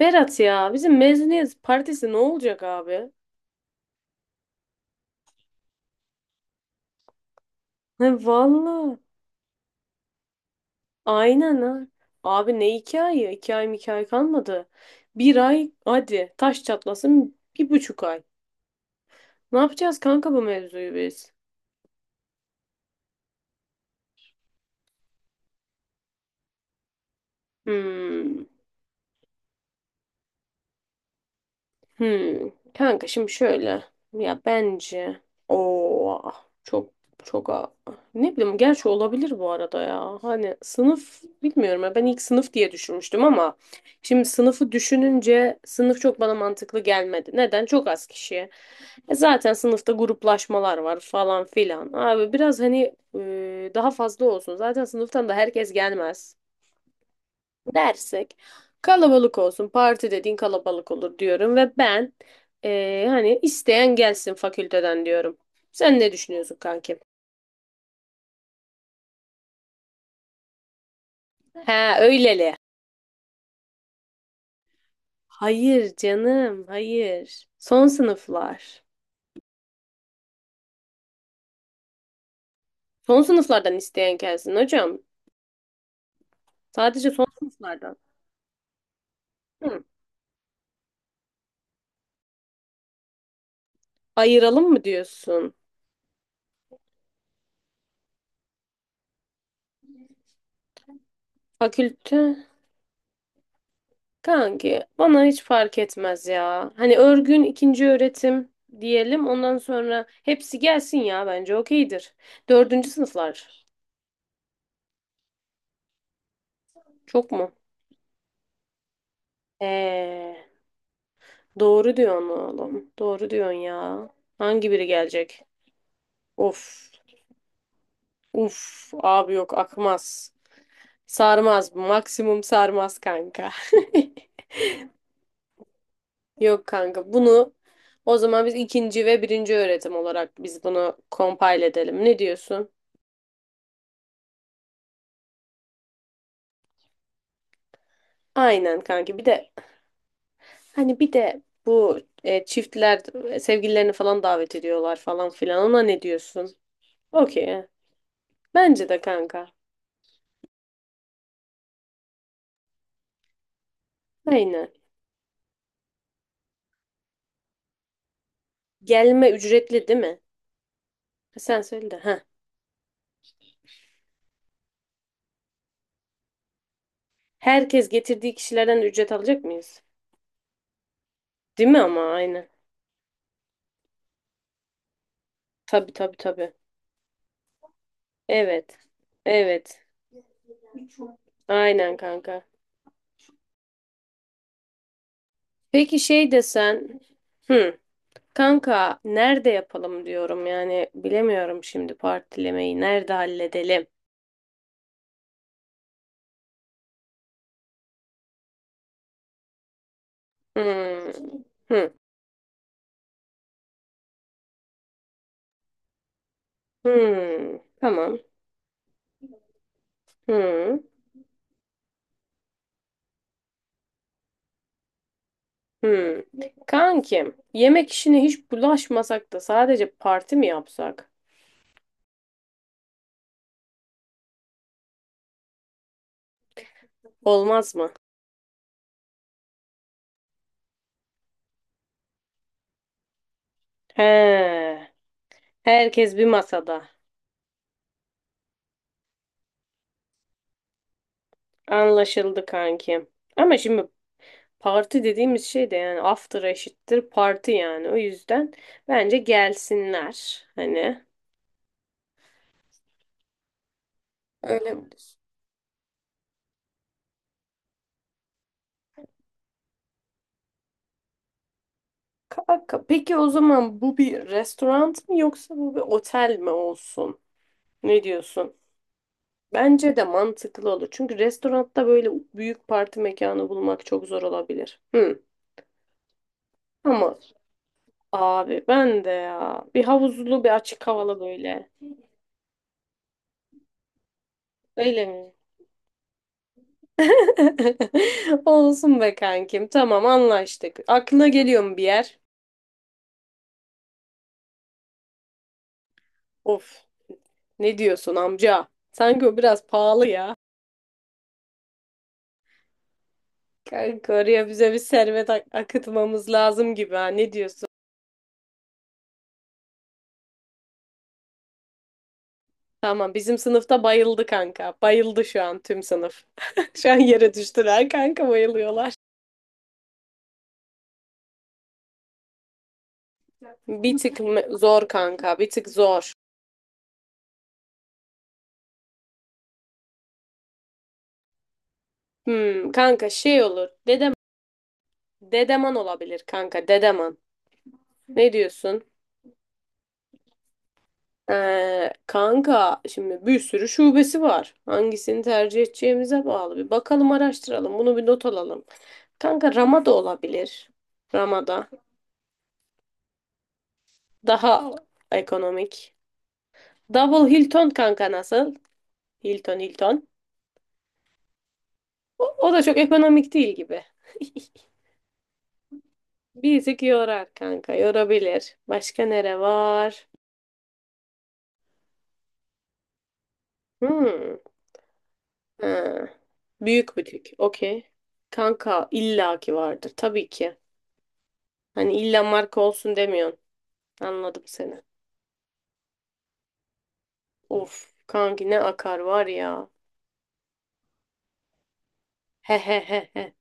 Berat ya bizim mezuniyet partisi ne olacak abi? He valla. Aynen ha. Abi ne iki ay? İki ay mı iki ay kalmadı. Bir ay hadi taş çatlasın bir buçuk ay. Ne yapacağız kanka bu mevzuyu biz? Hmm. Hmm. Kanka şimdi şöyle. Ya bence o çok çok ne bileyim gerçi olabilir bu arada ya. Hani sınıf bilmiyorum ya ben ilk sınıf diye düşünmüştüm ama şimdi sınıfı düşününce sınıf çok bana mantıklı gelmedi. Neden? Çok az kişi. E zaten sınıfta gruplaşmalar var falan filan. Abi biraz hani daha fazla olsun. Zaten sınıftan da herkes gelmez dersek kalabalık olsun. Parti dediğin kalabalık olur diyorum ve ben hani isteyen gelsin fakülteden diyorum. Sen ne düşünüyorsun kankim? Ha öyleli. Hayır canım, hayır. Son sınıflar. Son sınıflardan isteyen gelsin hocam. Sadece son sınıflardan. Hı. Ayıralım mı diyorsun? Fakülte. Kanki bana hiç fark etmez ya. Hani örgün ikinci öğretim diyelim. Ondan sonra hepsi gelsin ya bence okeydir. Dördüncü sınıflar. Çok mu? Ee, doğru diyorsun oğlum. Doğru diyorsun ya. Hangi biri gelecek? Of. Uf. Abi yok akmaz. Sarmaz. Maksimum sarmaz kanka. Yok kanka. Bunu o zaman biz ikinci ve birinci öğretim olarak biz bunu compile edelim. Ne diyorsun? Aynen kanki. Bir de Hani bir de bu çiftler sevgililerini falan davet ediyorlar falan filan. Ona ne diyorsun? Okey. Bence de kanka. Aynen. Gelme ücretli değil mi? Ha, sen söyle de. Ha. Herkes getirdiği kişilerden ücret alacak mıyız? Değil mi ama aynen. Tabii tabii tabii. Evet. Evet. Aynen kanka. Peki şey desen. Hı. Kanka nerede yapalım diyorum yani bilemiyorum şimdi partilemeyi nerede halledelim. Hı. Hı. Hmm, tamam. Hmm, hmm. Kankim, yemek işine hiç bulaşmasak da sadece parti mi yapsak? Olmaz mı? He, herkes bir masada. Anlaşıldı kankim. Ama şimdi parti dediğimiz şey de yani after eşittir parti yani. O yüzden bence gelsinler. Hani öyle mi diyorsun? Kanka, peki o zaman bu bir restoran mı yoksa bu bir otel mi olsun? Ne diyorsun? Bence de mantıklı olur. Çünkü restoranda böyle büyük parti mekanı bulmak çok zor olabilir. Hı. Ama abi ben de ya bir havuzlu bir açık havalı böyle. Öyle mi? Olsun be kankim. Tamam anlaştık. Aklına geliyor mu bir yer? Of ne diyorsun amca? Sanki o biraz pahalı ya. Kanka oraya bize bir servet akıtmamız lazım gibi ha. Ne diyorsun? Tamam bizim sınıfta bayıldı kanka. Bayıldı şu an tüm sınıf. Şu an yere düştüler kanka bayılıyorlar. Bir tık zor kanka bir tık zor. Hmm, kanka şey olur. Dedeman olabilir kanka Dedeman. Ne diyorsun? Kanka şimdi bir sürü şubesi var. Hangisini tercih edeceğimize bağlı. Bir bakalım araştıralım. Bunu bir not alalım. Kanka Ramada olabilir. Ramada. Daha ekonomik. Double Hilton kanka nasıl? Hilton Hilton. O da çok ekonomik değil gibi. Bizik yorar kanka, yorabilir. Başka nere var? Hmm. Ha. Büyük butik. Okey. Kanka illaki vardır tabii ki. Hani illa marka olsun demiyorsun. Anladım seni. Of kanki ne akar var ya. He he he he.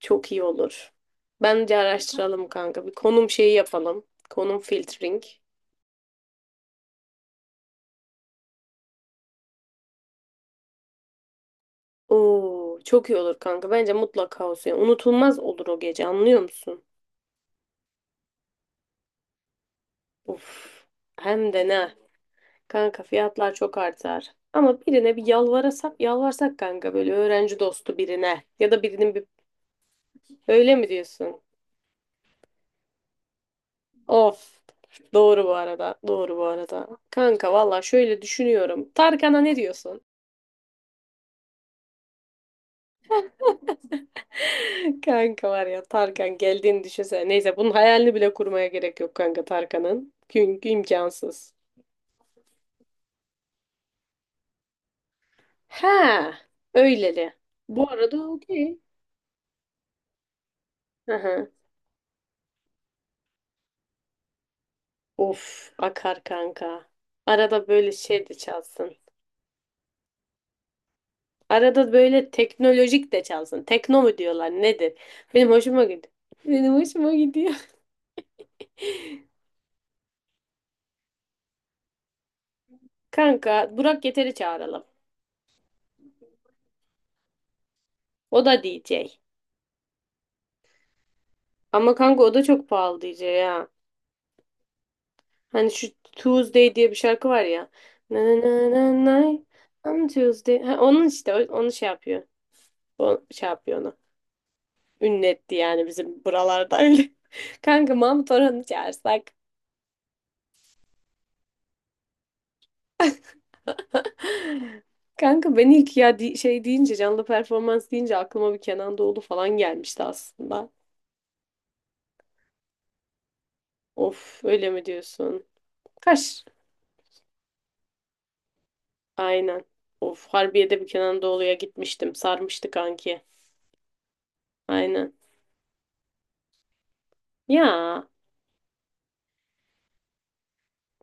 Çok iyi olur. Bence araştıralım kanka. Bir konum şeyi yapalım. Konum filtering. Oo, çok iyi olur kanka. Bence mutlaka olsun. Yani unutulmaz olur o gece anlıyor musun? Uf, hem de ne. Kanka fiyatlar çok artar. Ama birine bir yalvarsak kanka böyle öğrenci dostu birine ya da birinin bir öyle mi diyorsun? Of. Doğru bu arada. Doğru bu arada. Kanka valla şöyle düşünüyorum. Tarkan'a ne diyorsun? Kanka var ya Tarkan geldiğini düşünsene. Neyse bunun hayalini bile kurmaya gerek yok kanka Tarkan'ın. Çünkü imkansız. Ha, öyleli. Bu arada okey. Aha. Of akar kanka. Arada böyle şey de çalsın. Arada böyle teknolojik de çalsın. Tekno mu diyorlar nedir? Benim hoşuma gidiyor. Benim hoşuma gidiyor. Kanka Burak Yeter'i çağıralım. O da DJ. Ama kanka o da çok pahalı DJ ya. Hani şu Tuesday diye bir şarkı var ya. Na na na na na. I'm Tuesday. Ha, onun işte onu şey yapıyor. O şey yapıyor onu. Ünletti yani bizim buralarda öyle. Kanka Mahmut Orhan'ı çağırsak. Kanka ben ilk ya şey deyince canlı performans deyince aklıma bir Kenan Doğulu falan gelmişti aslında. Of öyle mi diyorsun? Kaş. Aynen. Of Harbiye'de bir Kenan Doğulu'ya gitmiştim. Sarmıştı kanki. Aynen. Ya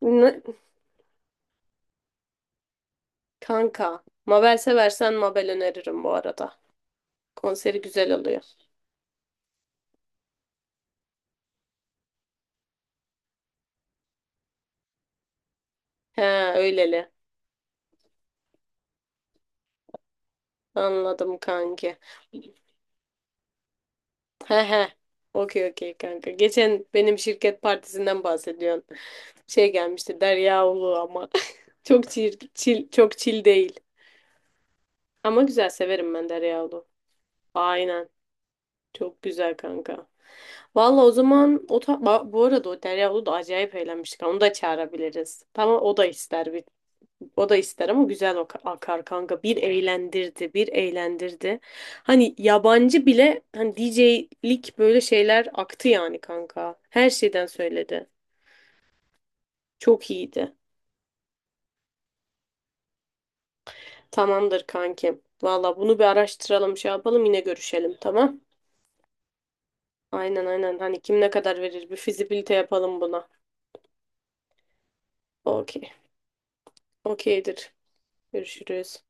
ne- kanka. Mabel seversen Mabel öneririm bu arada. Konseri güzel oluyor. He öyleli. Anladım kanki. He he. Okey okey kanka. Geçen benim şirket partisinden bahsediyorsun. Şey gelmişti Derya Ulu ama. Çok çil değil. Ama güzel severim ben Derya Ulu. Aynen. Çok güzel kanka. Valla o zaman bu arada o Derya Ulu da acayip eğlenmiştik. Onu da çağırabiliriz. Tamam. O da ister ama güzel o akar kanka. Bir eğlendirdi, bir eğlendirdi. Hani yabancı bile hani DJ'lik böyle şeyler aktı yani kanka. Her şeyden söyledi. Çok iyiydi. Tamamdır kankim. Valla bunu bir araştıralım, şey yapalım yine görüşelim tamam? Aynen aynen. Hani kim ne kadar verir bir fizibilite yapalım buna. Okey. Okeydir. Görüşürüz.